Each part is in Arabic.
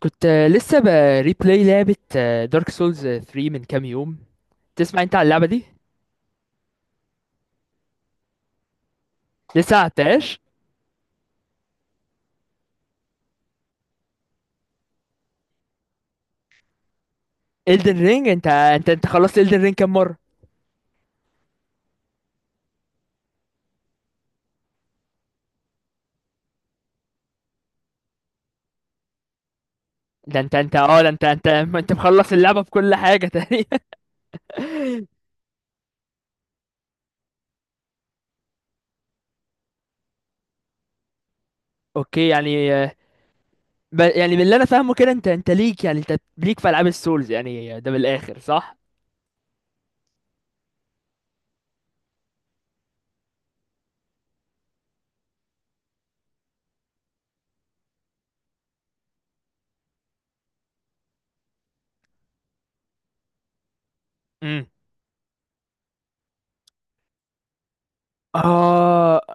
كنت لسه بريبلاي لعبة دارك سولز 3 من كام يوم. تسمع انت عن اللعبة دي؟ لسه عتاش Elden رينج. انت خلصت Elden رينج كام مرة؟ ده انت اه ده انت مخلص اللعبة بكل حاجة تقريبا. اوكي، يعني يعني من اللي انا فاهمه كده انت ليك، يعني انت ليك في العاب السولز، يعني ده من الاخر صح. امم، اه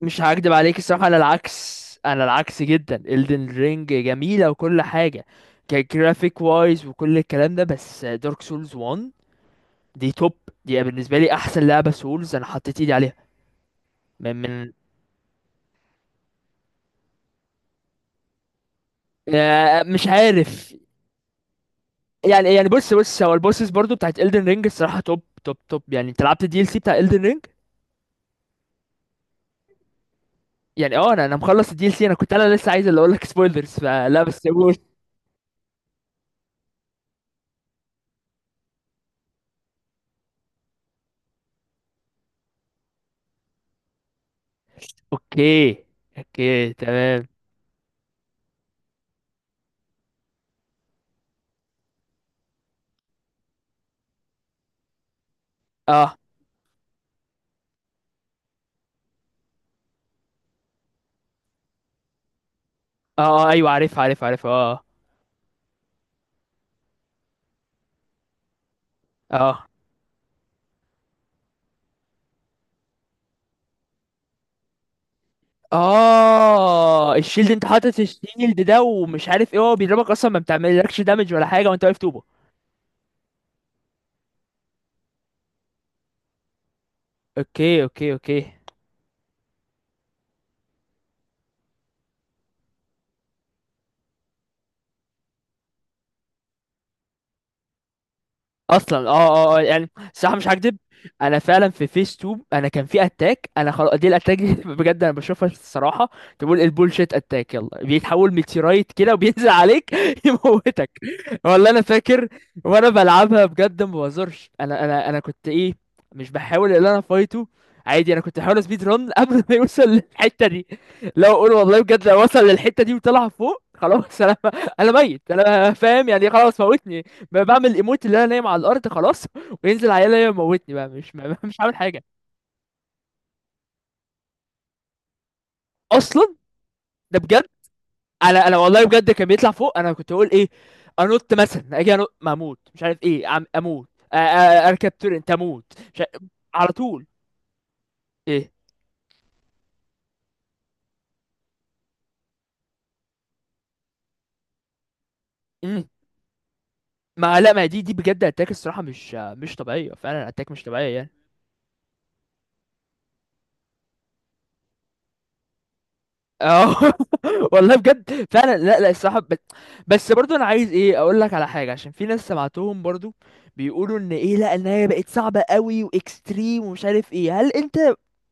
مش هكدب عليك الصراحة، أنا العكس، أنا العكس جدا. Elden Ring جميلة وكل حاجة كجرافيك وايز وكل الكلام ده، بس دارك سولز 1 دي توب. دي بالنسبة لي أحسن لعبة سولز أنا حطيت إيدي عليها. من من مش عارف. يعني بص، هو البوسس برضو بتاعت Elden Ring الصراحة توب توب توب. يعني أنت لعبت الدي ال سي بتاع Elden Ring؟ يعني اه، انا مخلص الدي ال سي. انا كنت، انا لسه عايز اللي اقول لك سبويلرز فلا، بس قول. اوكي، اوكي تمام. اه، اه ايوه، عارف عارف اه اه، اه الشيلد، انت حاطط الشيلد ده ومش عارف ايه، هو بيضربك اصلا، ما بتعملكش دامج ولا حاجه وانت واقف طوبه. اوكي اوكي. اصلا اه. اه يعني الصراحه مش هكدب، انا فعلا في فيس 2 انا كان في اتاك. انا خلاص دي الاتاك دي بجد انا بشوفها الصراحه، تقول البولشيت اتاك، يلا بيتحول ميتيرايت كده وبينزل عليك يموتك. والله انا فاكر، وانا بلعبها بجد ما بهزرش، انا كنت ايه، مش بحاول ان انا فايته عادي. انا كنت بحاول سبيد رun قبل ما يوصل للحته دي. لو اقول والله بجد، لو وصل للحته دي وطلع فوق، خلاص انا، انا ميت، انا فاهم يعني. خلاص موتني، بقى بعمل ايموت، اللي انا نايم على الارض خلاص، وينزل عيال يموتني بقى، مش مش عامل حاجه اصلا. ده بجد. انا والله بجد كان بيطلع فوق. انا كنت اقول ايه، انط مثلا، اجي انط ما اموت، مش عارف ايه عم اموت. أ- أ- اركب تورنت، اموت مش عارف. على طول. ايه؟ مم. ما لا، ما دي بجد اتاك الصراحه مش مش طبيعيه. فعلا اتاك مش طبيعيه يعني. اه والله بجد فعلا، لا لا الصراحه بس, بس برضو انا عايز ايه، اقول لك على حاجه، عشان في ناس سمعتهم برضو بيقولوا ان ايه، لا ان هي بقت صعبه قوي واكستريم ومش عارف ايه. هل انت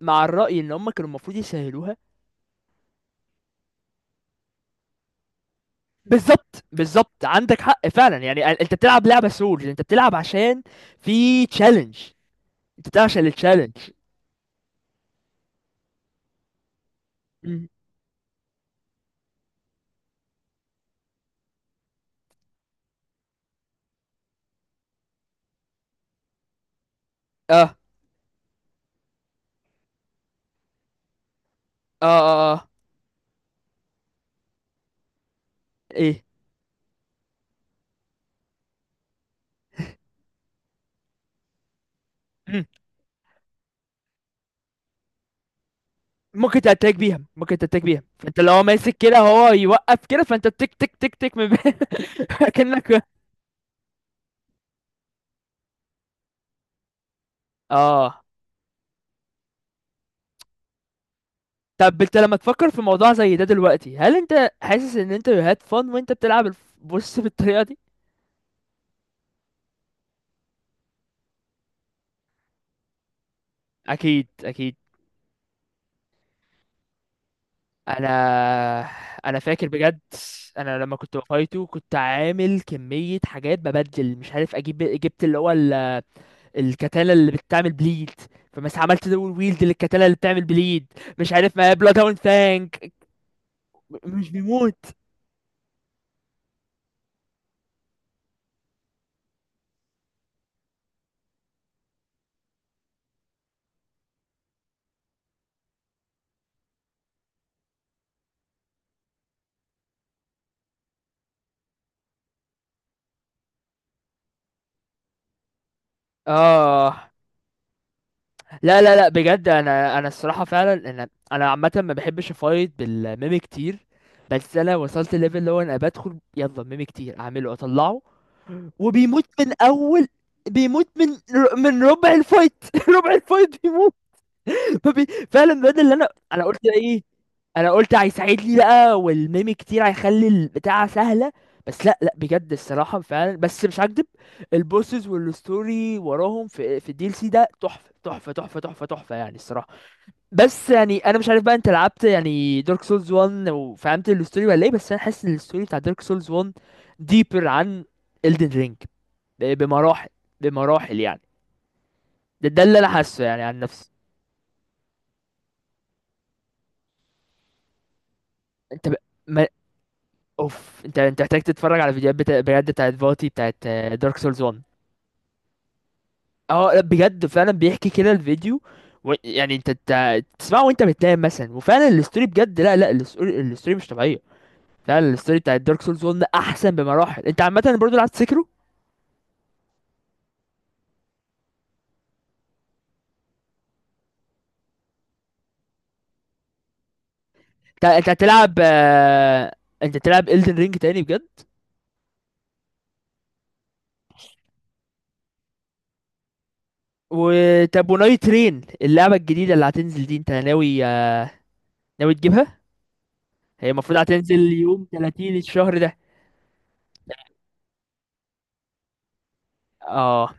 مع الراي ان هم كانوا المفروض يسهلوها؟ بالظبط، بالظبط عندك حق فعلا. يعني انت بتلعب لعبه سولز، انت بتلعب عشان في تشالنج، انت بتلعب عشان التشالنج. اه، اه، اه ايه؟ ممكن تتاك بيها، ممكن تتاك بيها. فانت لو هو ماسك كده، هو يوقف كده، فانت تك تك تك تك من كأنك. اه، طب انت لما تفكر في موضوع زي ده دلوقتي، هل انت حاسس ان انت هاد فن وانت بتلعب بص بالطريقة دي؟ اكيد، اكيد. انا، انا فاكر بجد. انا لما كنت بفايته كنت عامل كمية حاجات ببدل، مش عارف اجيب، جبت اللي هو ال... الكتانة اللي بتعمل بليد. فمس عملت دول ويلد للكتانة اللي بتعمل بليد، مش عارف ما بلاد هاوند، مش بيموت. اه، لا لا لا بجد، انا الصراحه فعلا، انا عامه ما بحبش افايت بالميمي كتير. بس انا وصلت ليفل اللي هو انا بدخل يلا ميمي كتير اعمله اطلعه وبيموت من اول. بيموت من، من ربع الفايت ربع الفايت بيموت. فبي... فعلا بجد اللي انا، قلت ايه، انا قلت هيساعدني بقى والميم كتير هيخلي البتاع سهله. بس لا لا بجد الصراحه فعلا، بس مش هكدب، البوسز والستوري وراهم في في الدي ال سي ده تحفه تحفه تحفه تحفه تحفه يعني الصراحه. بس يعني انا مش عارف بقى، انت لعبت يعني دارك سولز 1 وفهمت الستوري ولا ايه؟ بس انا حاسس ان الستوري بتاع دارك سولز 1 ديبر عن Elden Ring بمراحل، بمراحل يعني. ده اللي انا حاسه يعني عن نفسي. انت ما... اوف، انت محتاج تتفرج على فيديوهات بجد بتاعت فاتي بتاعت دارك سولز 1. اه لا، بجد فعلا بيحكي كده الفيديو و... يعني انت تسمعه وانت بتنام مثلا، وفعلا الستوري بجد، لا لا الستوري مش طبيعيه. فعلا الستوري بتاعت دارك سولز 1 احسن بمراحل. انت عامه برضه لعبت سكرو. انت هتلعب انت تلعب الدن رينج تاني بجد؟ وطب ونايت ترين اللعبه الجديده اللي هتنزل دي، انت ناوي ناوي تجيبها؟ هي المفروض هتنزل يوم 30 الشهر ده. اه،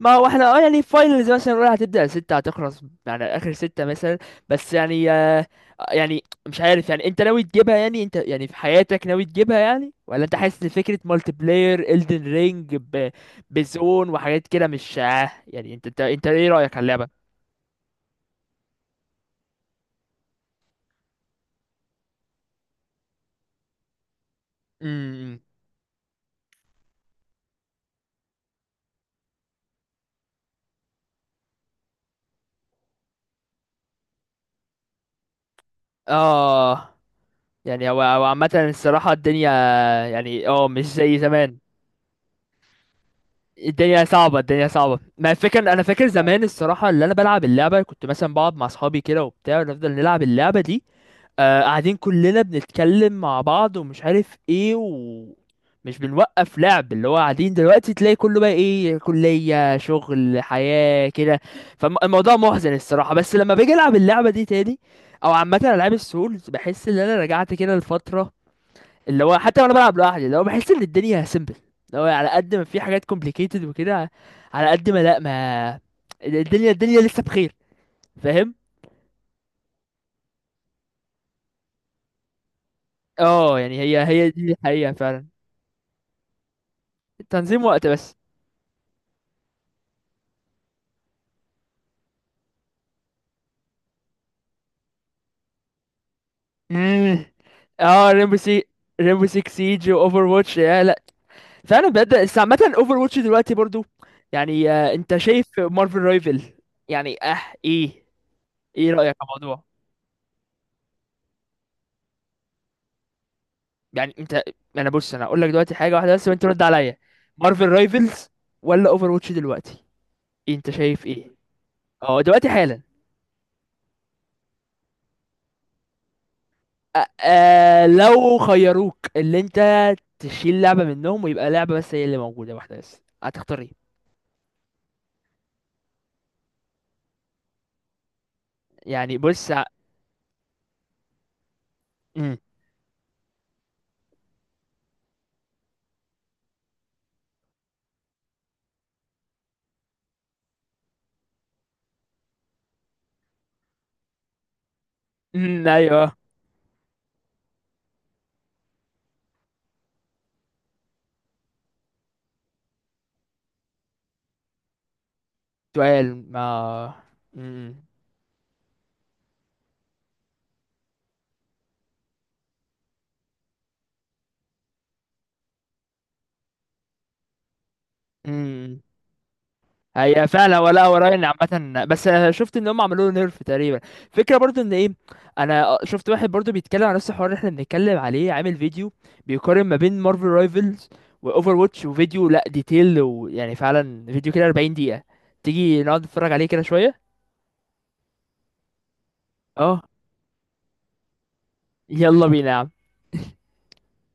ما هو احنا اه يعني فاينلز مثلا الاولى هتبدأ ستة هتخلص، يعني اخر ستة مثلا. بس يعني يعني مش عارف يعني، انت ناوي تجيبها؟ يعني انت يعني في حياتك ناوي تجيبها، يعني ولا انت حاسس ان فكرة مالتي بلاير الدن رينج بزون وحاجات كده مش يعني انت ايه رأيك على اللعبة؟ امم، اه يعني هو عامة الصراحة الدنيا، يعني اه مش زي زمان. الدنيا صعبة، الدنيا صعبة. ما الفكرة انا فاكر زمان الصراحة، اللي انا بلعب اللعبة كنت مثلا بقعد مع اصحابي كده وبتاع ونفضل نلعب اللعبة دي. آه قاعدين كلنا بنتكلم مع بعض ومش عارف ايه ومش بنوقف لعب. اللي هو قاعدين دلوقتي تلاقي كله بقى ايه، كلية شغل حياة كده. فالموضوع محزن الصراحة. بس لما باجي العب اللعبة دي تاني، او عامة العاب السولز، بحس ان انا رجعت كده لفترة، اللي هو حتى وانا بلعب لوحدي، اللي هو بحس ان الدنيا سيمبل. اللي هو على قد ما في حاجات complicated وكده، على قد ما لا، ما الدنيا، الدنيا لسه بخير. فاهم؟ اه يعني هي دي الحقيقة فعلا. تنظيم وقت بس. مم. اه، ريمبو سي، ريمبو 6 سيج واوفر واتش يا لا. فعلا بجد. بس عامة اوفر واتش دلوقتي برضو، يعني آه، انت شايف مارفل رايفل؟ يعني اه. ايه؟ ايه رأيك على الموضوع؟ يعني انت، انا بص انا هقول لك دلوقتي حاجه واحده بس وانت رد عليا. مارفل رايفلز ولا اوفر واتش دلوقتي؟ انت شايف ايه؟ اه دلوقتي حالا، آه لو خيروك اللي انت تشيل لعبه منهم ويبقى لعبه بس هي اللي موجوده، واحده بس، هتختار ايه؟ يعني بص، مم. مم، ايوه. سؤال ما. مم. مم. هي فعلا. ولا اوراين عامه، بس أنا شفت ان هم عملوا له نيرف تقريبا. فكره برضو ان ايه، انا شفت واحد برضو بيتكلم عن نفس الحوار اللي احنا بنتكلم عليه، عامل فيديو بيقارن ما بين مارفل رايفلز واوفر واتش، وفيديو لا ديتيل ويعني فعلا، فيديو كده 40 دقيقه. تيجي نقعد نتفرج عليه كده شويه؟ اه يلا بينا يا عم.